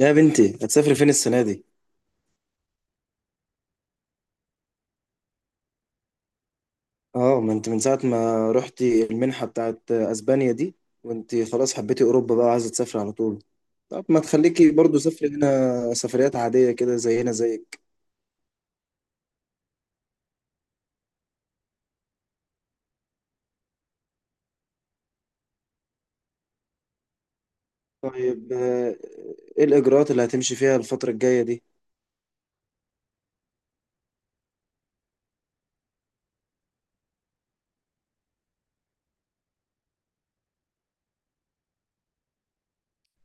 يا بنتي هتسافري فين السنة دي؟ اه، ما انت من ساعة ما رحتي المنحة بتاعت اسبانيا دي وانت خلاص حبيتي اوروبا بقى وعايزة تسافري على طول. طب ما تخليكي برضو سافري هنا سفريات عادية كده زينا زيك. طيب. ايه الاجراءات اللي هتمشي فيها الفترة الجاية دي؟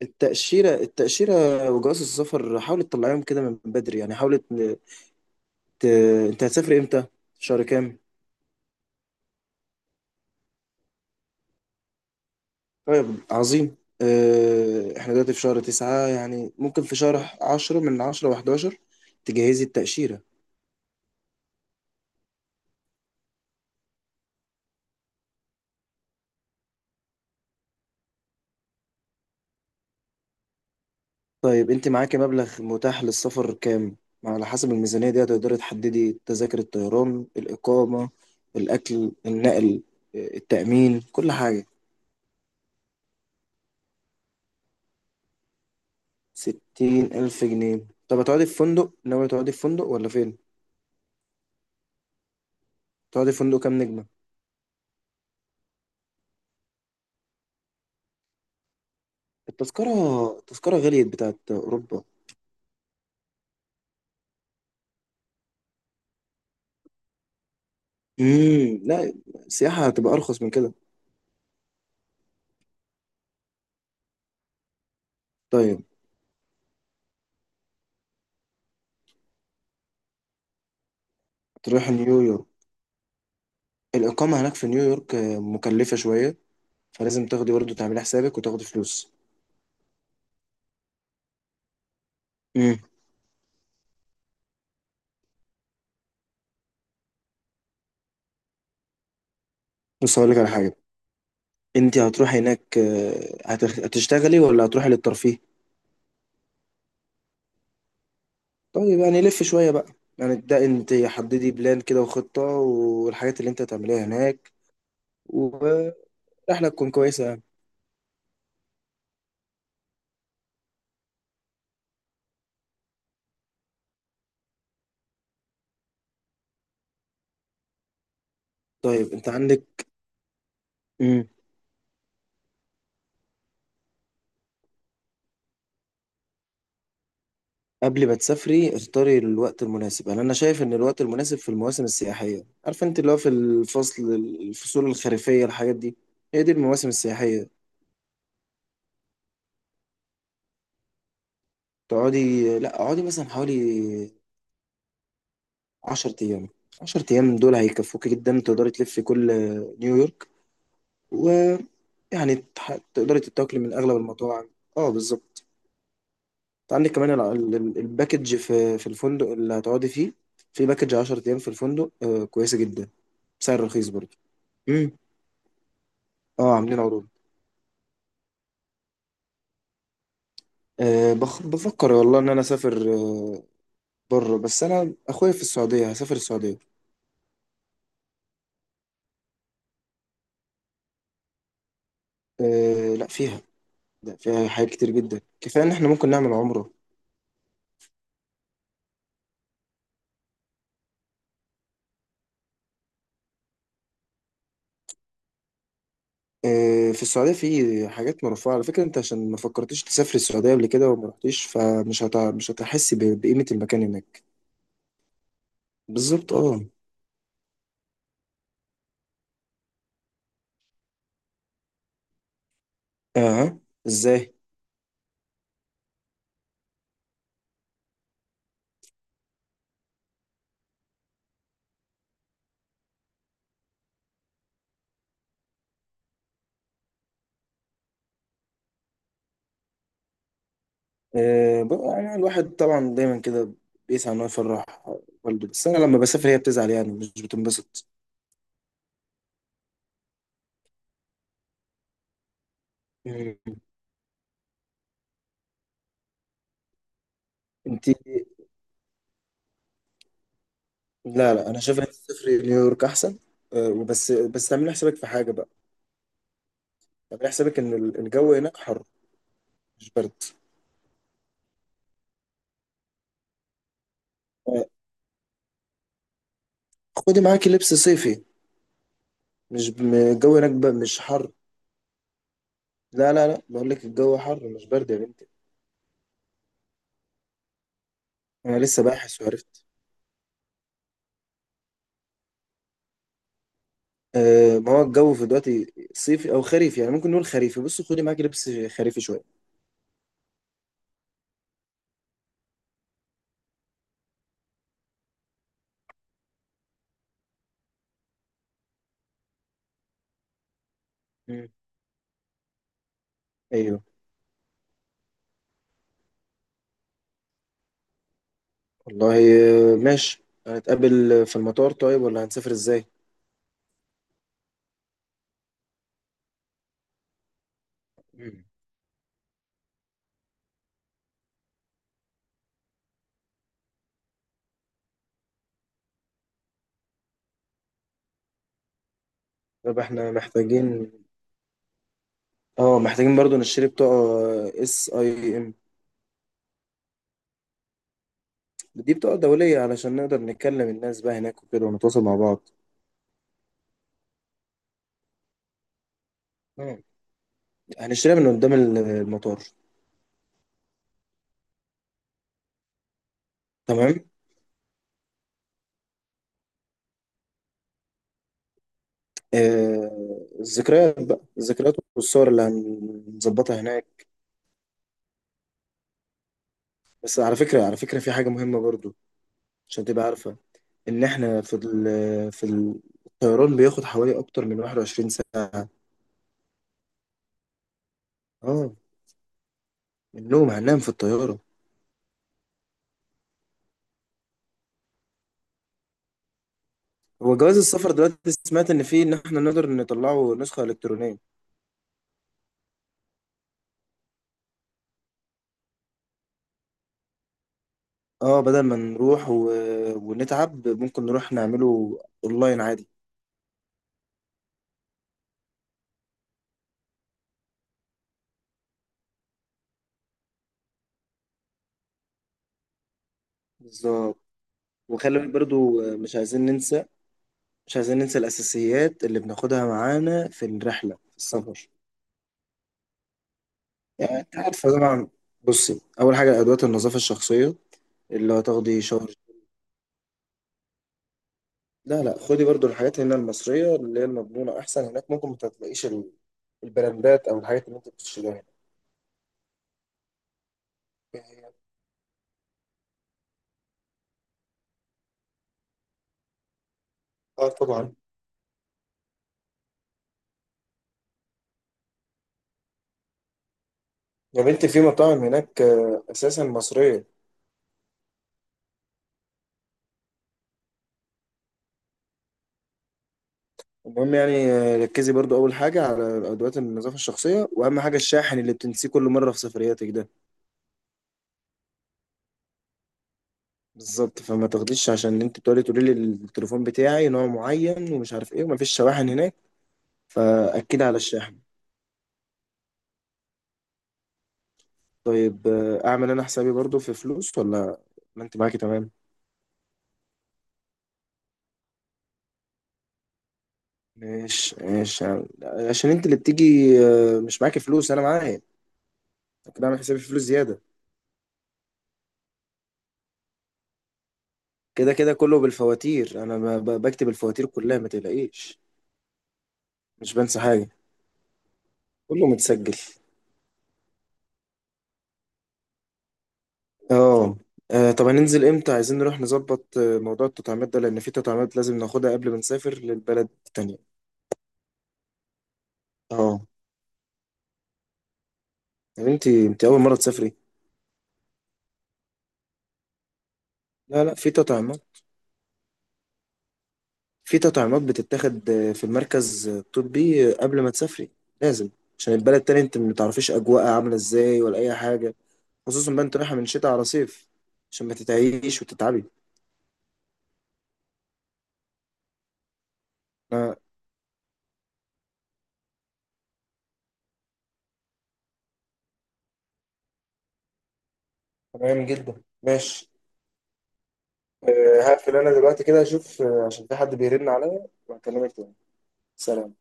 التأشيرة، التأشيرة وجواز السفر حاولي تطلعيهم كده من بدري، يعني ت- انت هتسافري امتى؟ شهر كام؟ طيب. عظيم. احنا دلوقتي في شهر 9، يعني ممكن في شهر 10 من 10 و11 تجهزي التأشيرة. طيب، انت معاكي مبلغ متاح للسفر كام؟ على حسب الميزانية دي هتقدري تحددي تذاكر الطيران، الإقامة، الأكل، النقل، التأمين، كل حاجة. 60,000 جنيه؟ طب هتقعدي في فندق؟ ناوية تقعدي في فندق ولا فين؟ تقعدي في فندق كام نجمة؟ التذكرة، التذكرة غليت بتاعت أوروبا. لا، السياحة هتبقى أرخص من كده. طيب، تروح نيويورك. الإقامة هناك في نيويورك مكلفة شوية، فلازم تاخدي برضه تعملي حسابك وتاخدي فلوس. امم. بص، هقول لك على حاجة. أنت هتروحي هناك هتشتغلي ولا هتروحي للترفيه؟ طيب، يعني لف شوية بقى. يعني ده أنت حددي بلان كده وخطة والحاجات اللي أنت هتعمليها هناك. والرحلة تكون كويسة يعني. طيب، أنت عندك. مم. قبل ما تسافري اختاري الوقت المناسب. انا شايف ان الوقت المناسب في المواسم السياحيه. عارفه انت، اللي هو في الفصول الخريفيه، الحاجات دي. هي دي المواسم السياحيه. لا، اقعدي مثلا حوالي 10 ايام. 10 ايام دول هيكفوكي جدا. تقدري تلفي كل نيويورك، ويعني تقدري تتاكلي من اغلب المطاعم. اه، بالظبط. أنت عندك كمان الباكج في الفندق اللي هتقعدي فيه. في باكج 10 ايام في الفندق كويسه جدا بسعر رخيص برضه. امم. اه، عاملين عروض. أه، بفكر والله إن أنا أسافر بره. بس أنا أخويا في السعودية، هسافر السعودية. أه، لا، فيها. لا، فيها حاجات كتير جدا، كفاية إن إحنا ممكن نعمل عمرة. أه، في السعودية في حاجات مرفوعة. على فكرة أنت عشان ما فكرتش تسافر السعودية قبل كده وما رحتيش، مش هتحس بقيمة المكان هناك. بالظبط، أه. أه. إزاي؟ أه، بقى يعني الواحد طبعا دايما كده بيسعى إن هو يفرح والده. بس أنا لما بسافر هي بتزعل، يعني مش بتنبسط. مم. انت. لا، لا، انا شايف ان الصفر نيويورك احسن. وبس تعمل حسابك في حاجه بقى. تعمل حسابك ان الجو هناك حر، مش برد. أه، خدي معاكي لبس صيفي. مش م- الجو هناك بقى مش حر. لا، لا، لا، بقول لك الجو حر مش برد يا بنتي. انا لسه باحث وعرفت. ما هو الجو في دلوقتي صيفي او خريفي، يعني ممكن نقول خريفي. بصي، خدي معاكي لبس خريفي شويه. مم. ايوه، والله. ماشي، هنتقابل في المطار طيب، ولا هنسافر ازاي؟ مم. طب احنا محتاجين. اه، محتاجين برضو نشتري بطاقة اس اي ام. دي بطاقة دولية علشان نقدر نتكلم الناس بقى هناك وكده، ونتواصل مع بعض. مم. هنشتريها من قدام المطار. تمام. آه، الذكريات بقى، الذكريات والصور اللي هنظبطها هناك. بس على فكرة، على فكرة في حاجة مهمة برضو. عشان تبقى عارفة ان احنا في في ال- الطيران بياخد حوالي اكتر من 21 ساعة. اه. النوم هننام في الطيارة. هو جواز السفر دلوقتي سمعت ان فيه ان احنا نقدر نطلعه نسخة الكترونية. اه، بدل ما ونتعب ممكن نروح نعمله اونلاين عادي. بالظبط. وخلي بالك برضو، مش عايزين ننسى مش عايزين ننسى الاساسيات اللي بناخدها معانا في الرحله في السفر. يعني انت عارفه طبعا. بصي، اول حاجه ادوات النظافه الشخصيه اللي هتاخدي شاور. لا، لا، خدي برضو الحاجات هنا المصريه اللي هي المضمونه، احسن هناك ممكن ما تلاقيش البراندات او الحاجات اللي انت بتشتريها هنا. اه، طبعا. يا بنتي في مطاعم هناك اساسا مصريه. المهم، يعني ركزي برضو اول حاجه على ادوات النظافه الشخصيه، واهم حاجه الشاحن اللي بتنسيه كل مره في سفرياتك ده. بالظبط، فما تاخديش عشان انت تقولي لي التليفون بتاعي نوع معين ومش عارف ايه ومفيش شواحن هناك. فاكدي على الشاحن. طيب، اعمل انا حسابي برضو في فلوس ولا ما انت معاكي تمام؟ ماشي، ماشي، عشان انت اللي بتيجي، مش معاكي فلوس، انا معايا. كده اعمل حسابي في فلوس زياده. كده، كده، كله بالفواتير. انا بكتب الفواتير كلها، ما تقلقيش. مش بنسى حاجه، كله متسجل. اه. طب هننزل امتى؟ عايزين نروح نظبط موضوع التطعيمات ده، لان في تطعيمات لازم ناخدها قبل ما نسافر للبلد التانية. اه. طب انت اول مرة تسافري. لا، لا، في تطعيمات. في تطعيمات بتتاخد في المركز الطبي قبل ما تسافري، لازم. عشان البلد التانية انت ما تعرفيش اجواءها عاملة ازاي ولا اي حاجة، خصوصا بقى انت رايحة من شتاء على صيف. عشان ما تتعيش وتتعبي. آه، تمام جدا ماشي. هقفل انا دلوقتي كده، اشوف عشان في حد بيرن عليا، وهكلمك تاني. سلام.